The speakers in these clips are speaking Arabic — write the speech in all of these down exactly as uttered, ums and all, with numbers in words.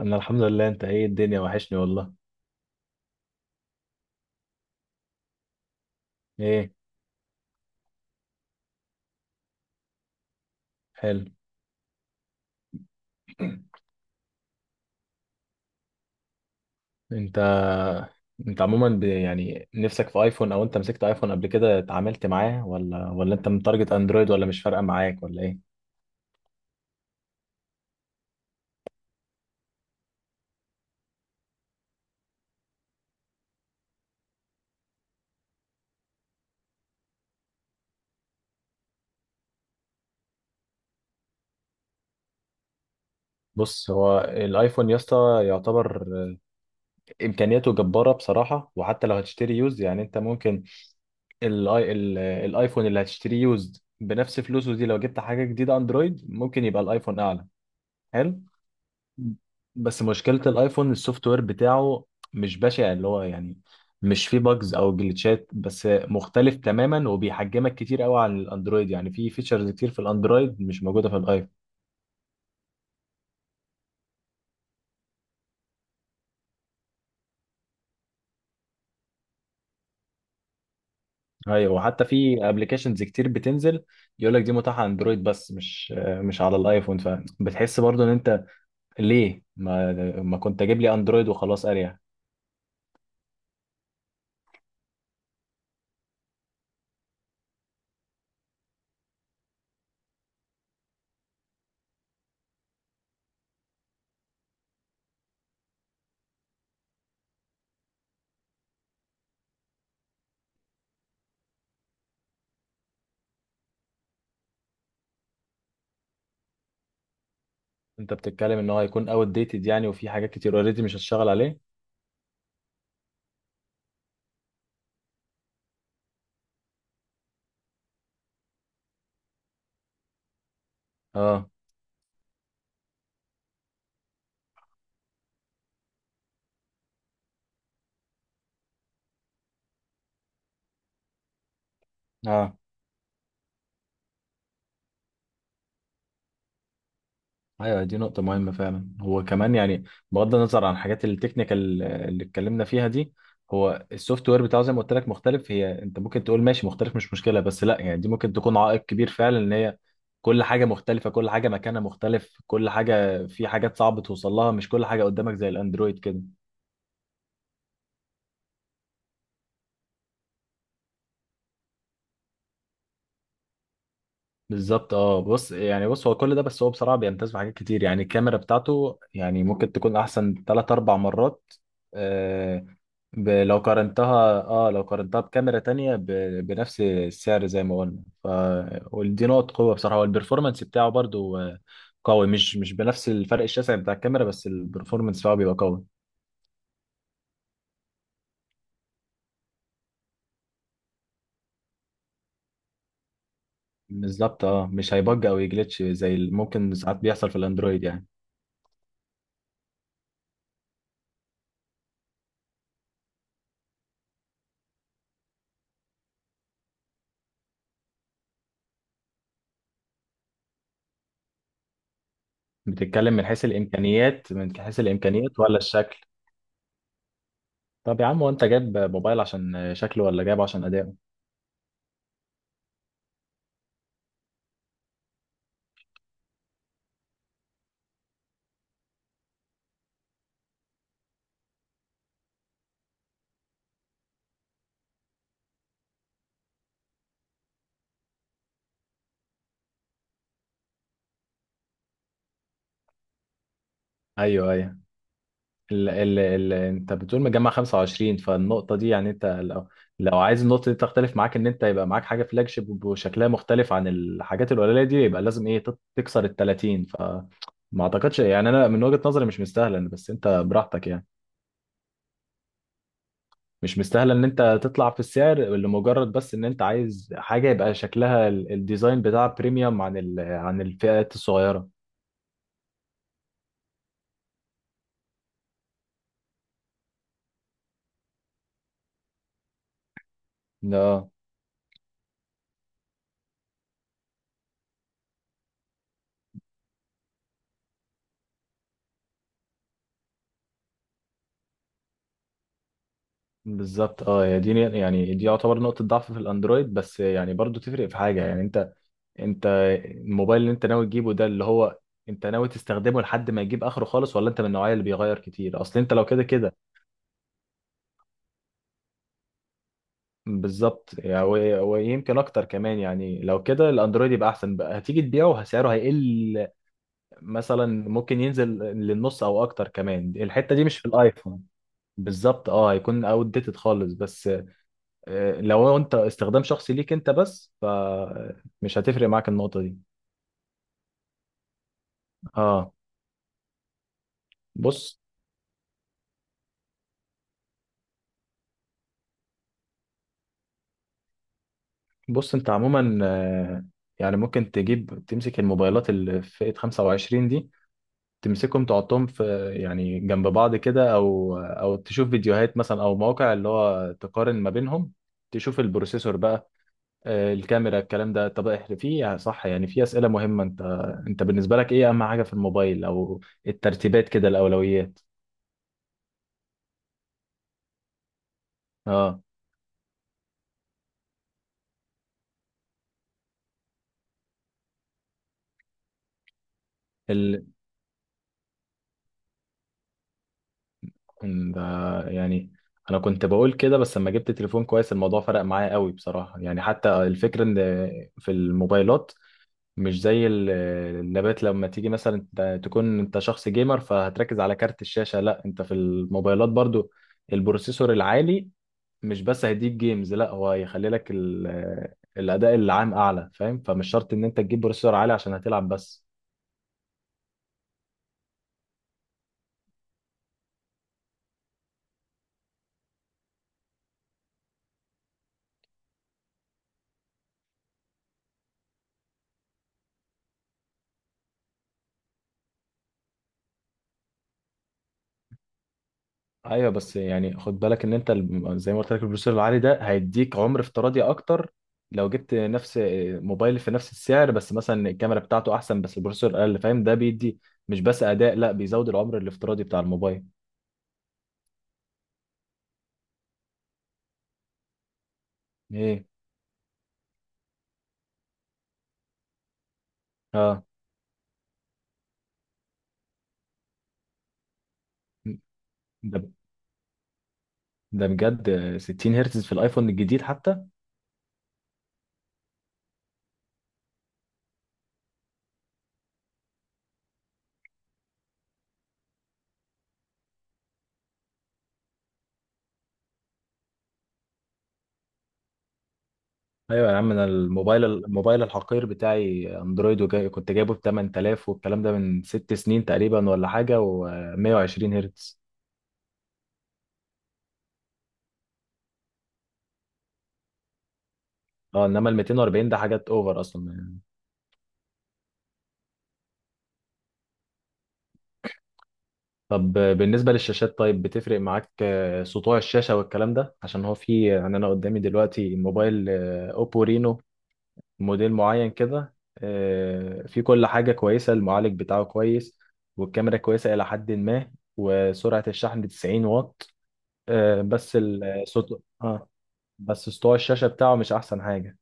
انا الحمد لله. انت ايه؟ الدنيا وحشني والله. ايه؟ حلو. انت انت عموما ب... يعني نفسك في ايفون، او انت مسكت ايفون قبل كده اتعاملت معاه، ولا ولا انت متارجت اندرويد، ولا مش فارقه معاك ولا ايه؟ بص، هو الايفون يا اسطى يعتبر آه، امكانياته جباره بصراحه. وحتى لو هتشتري يوز يعني انت ممكن الاي... ال... الايفون اللي هتشتري يوز بنفس فلوسه دي، لو جبت حاجه جديده اندرويد، ممكن يبقى الايفون اعلى. حلو. بس مشكلة الايفون السوفت وير بتاعه. مش بشع اللي هو يعني، مش فيه باجز او جلitchات، بس مختلف تماما وبيحجمك كتير قوي عن الاندرويد. يعني في فيتشرز كتير في الاندرويد مش موجودة في الايفون. ايوه، وحتى في ابلكيشنز كتير بتنزل يقول لك دي متاحة اندرويد بس مش مش على الايفون، فبتحس برضو ان انت ليه ما ما كنت اجيب لي اندرويد وخلاص اريح. انت بتتكلم ان هو هيكون اوت ديتد يعني، وفي حاجات كتير اوريدي مش هتشتغل عليه. اه. اه ايوه، دي نقطة مهمة فعلا. هو كمان يعني بغض النظر عن الحاجات التكنيكال اللي اتكلمنا فيها دي، هو السوفت وير بتاعه زي ما قلت لك مختلف. هي انت ممكن تقول ماشي، مختلف مش مشكلة، بس لا يعني دي ممكن تكون عائق كبير فعلا. ان هي كل حاجة مختلفة، كل حاجة مكانها مختلف، كل حاجة، في حاجات صعب توصل لها، مش كل حاجة قدامك زي الاندرويد كده. بالظبط اه. بص يعني، بص هو كل ده، بس هو بصراحه بيمتاز بحاجات كتير. يعني الكاميرا بتاعته يعني ممكن تكون احسن تلات اربع مرات. آه. ب- لو قارنتها، اه لو قارنتها بكاميرا تانية ب- بنفس السعر زي ما قلنا، ف ودي نقط قوه بصراحه. والبرفورمانس بتاعه برضو آه، قوي. مش مش بنفس الفرق الشاسع بتاع الكاميرا، بس البرفورمانس بتاعه بيبقى قوي. بالظبط اه. مش هيبج او يجلتش زي اللي ممكن ساعات بيحصل في الاندرويد يعني. بتتكلم من حيث الامكانيات؟ من حيث الامكانيات ولا الشكل؟ طب يا عم، وانت جايب موبايل عشان شكله ولا جايبه عشان اداؤه؟ ايوه ايوه. ال ال ال انت بتقول مجمع خمسة وعشرين، فالنقطه دي يعني انت لو, لو عايز النقطه دي تختلف معاك، ان انت يبقى معاك حاجه فلاج شيب وشكلها مختلف عن الحاجات القليله دي، يبقى لازم ايه تت- تكسر ال تلاتين، فما اعتقدش يعني. انا من وجهه نظري مش مستاهله يعني، بس انت براحتك يعني. مش مستاهله ان انت تطلع في السعر لمجرد بس ان انت عايز حاجه يبقى شكلها ال- الديزاين بتاعها بريميوم عن ال عن الفئات الصغيره. اه. بالظبط اه. يا دي يعني دي يعتبر نقطة ضعف في الاندرويد، بس يعني برضو تفرق في حاجة يعني؟ انت، انت الموبايل اللي انت ناوي تجيبه ده اللي هو انت ناوي تستخدمه لحد ما يجيب اخره خالص، ولا انت من النوعية اللي بيغير كتير؟ اصل انت لو كده كده. بالظبط يعني. و- ويمكن اكتر كمان يعني. لو كده الاندرويد يبقى احسن، بقى هتيجي تبيعه سعره هيقل، مثلا ممكن ينزل للنص او اكتر كمان، الحتة دي مش في الايفون. بالظبط اه، هيكون اوت ديتد خالص، بس آه، لو انت استخدام شخصي ليك انت بس، فمش هتفرق معاك النقطة دي. اه. بص، بص انت عموما آه، يعني ممكن تجيب تمسك الموبايلات اللي في فئة خمسة وعشرين دي، تمسكهم تحطهم في يعني جنب بعض كده، او او تشوف فيديوهات مثلا او مواقع اللي هو تقارن ما بينهم، تشوف البروسيسور بقى، آه، الكاميرا، الكلام ده. طب احنا في، صح يعني في أسئلة مهمة. انت، انت بالنسبة لك ايه اهم حاجة في الموبايل، او الترتيبات كده، الاولويات؟ اه. ب... يعني انا كنت بقول كده، بس لما جبت تليفون كويس الموضوع فرق معايا قوي بصراحة. يعني حتى الفكرة ان في الموبايلات مش زي ال- اللابات. لما تيجي مثلا انت تكون انت شخص جيمر فهتركز على كارت الشاشة. لا، انت في الموبايلات برضو البروسيسور العالي مش بس هيديك جيمز، لا هو هيخلي لك ال... الاداء العام اعلى. فاهم؟ فمش شرط ان انت تجيب بروسيسور عالي عشان هتلعب بس. ايوه، بس يعني خد بالك ان انت الم- زي ما قلت لك البروسيسور العالي ده هيديك عمر افتراضي اكتر. لو جبت نفس موبايل في نفس السعر، بس مثلا الكاميرا بتاعته احسن بس البروسيسور اقل، فاهم؟ ده بيدي مش بس اداء، لا بيزود العمر الافتراضي بتاع الموبايل. ايه؟ اه. ده ده بجد ستين هرتز في الايفون الجديد حتى؟ ايوه يا عم، انا الموبايل، الموبايل الحقير بتاعي اندرويد وجاي، كنت جايبه ب تمن تلاف، والكلام ده من ست سنين تقريبا ولا حاجه، و120 هرتز. اه. انما ال ميتين واربعين ده حاجات اوفر اصلا يعني. طب آه، بالنسبه للشاشات طيب، بتفرق معاك آه، سطوع الشاشه والكلام ده؟ عشان هو في يعني، انا قدامي دلوقتي موبايل آه، اوبو رينو، موديل معين كده آه، في كل حاجه كويسه، المعالج بتاعه كويس والكاميرا كويسه الى حد ما، وسرعه الشحن تسعين واط، آه، بس السطوع اه، بس سطوع الشاشه بتاعه مش احسن حاجه.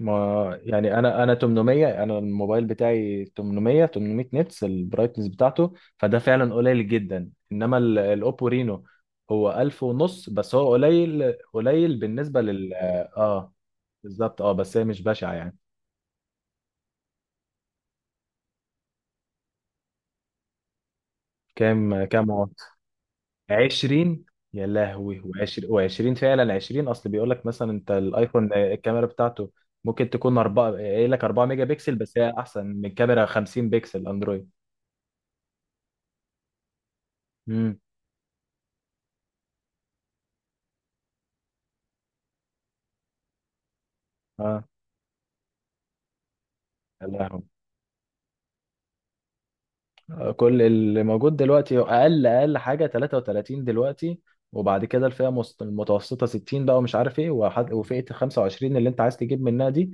ما يعني انا انا تمنمية، انا الموبايل بتاعي تمنمية تمنمية نتس البرايتنس بتاعته، فده فعلا قليل جدا. انما ال- الاوبو رينو هو ألف ونص، بس هو قليل قليل بالنسبه لل. اه. بالظبط اه، بس هي مش بشعه يعني. كام كام واط؟ عشرين؟ يا لهوي. و20 و20 فعلا عشرين. اصل بيقول لك مثلا انت الايفون الكاميرا بتاعته ممكن تكون اربعة، قايل لك اربعة ميجا بكسل بس هي احسن من كاميرا خمسين بكسل اندرويد. امم، اه. لا، كل اللي موجود دلوقتي اقل اقل حاجه تلاتة وتلاتين دلوقتي. وبعد كده الفئه مست- المتوسطه ستين بقى، ومش عارف ايه، وحد- وفئه خمسة وعشرين اللي انت عايز تجيب منها دي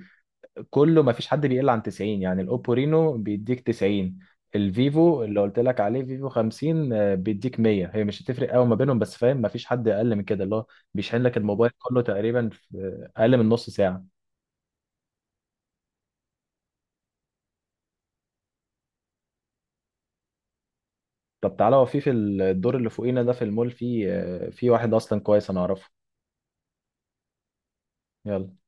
كله، ما فيش حد بيقل عن تسعين. يعني الاوبو رينو بيديك تسعين، الفيفو اللي قلت لك عليه فيفو خمسين آه، بيديك مية. هي مش هتفرق قوي ما بينهم، بس فاهم، ما فيش حد اقل من كده اللي هو بيشحن لك الموبايل كله تقريبا في اقل من نص ساعه. طب تعالى، هو في، في الدور اللي فوقينا ده في المول، في آه، في واحد اصلا كويس انا اعرفه. يلا.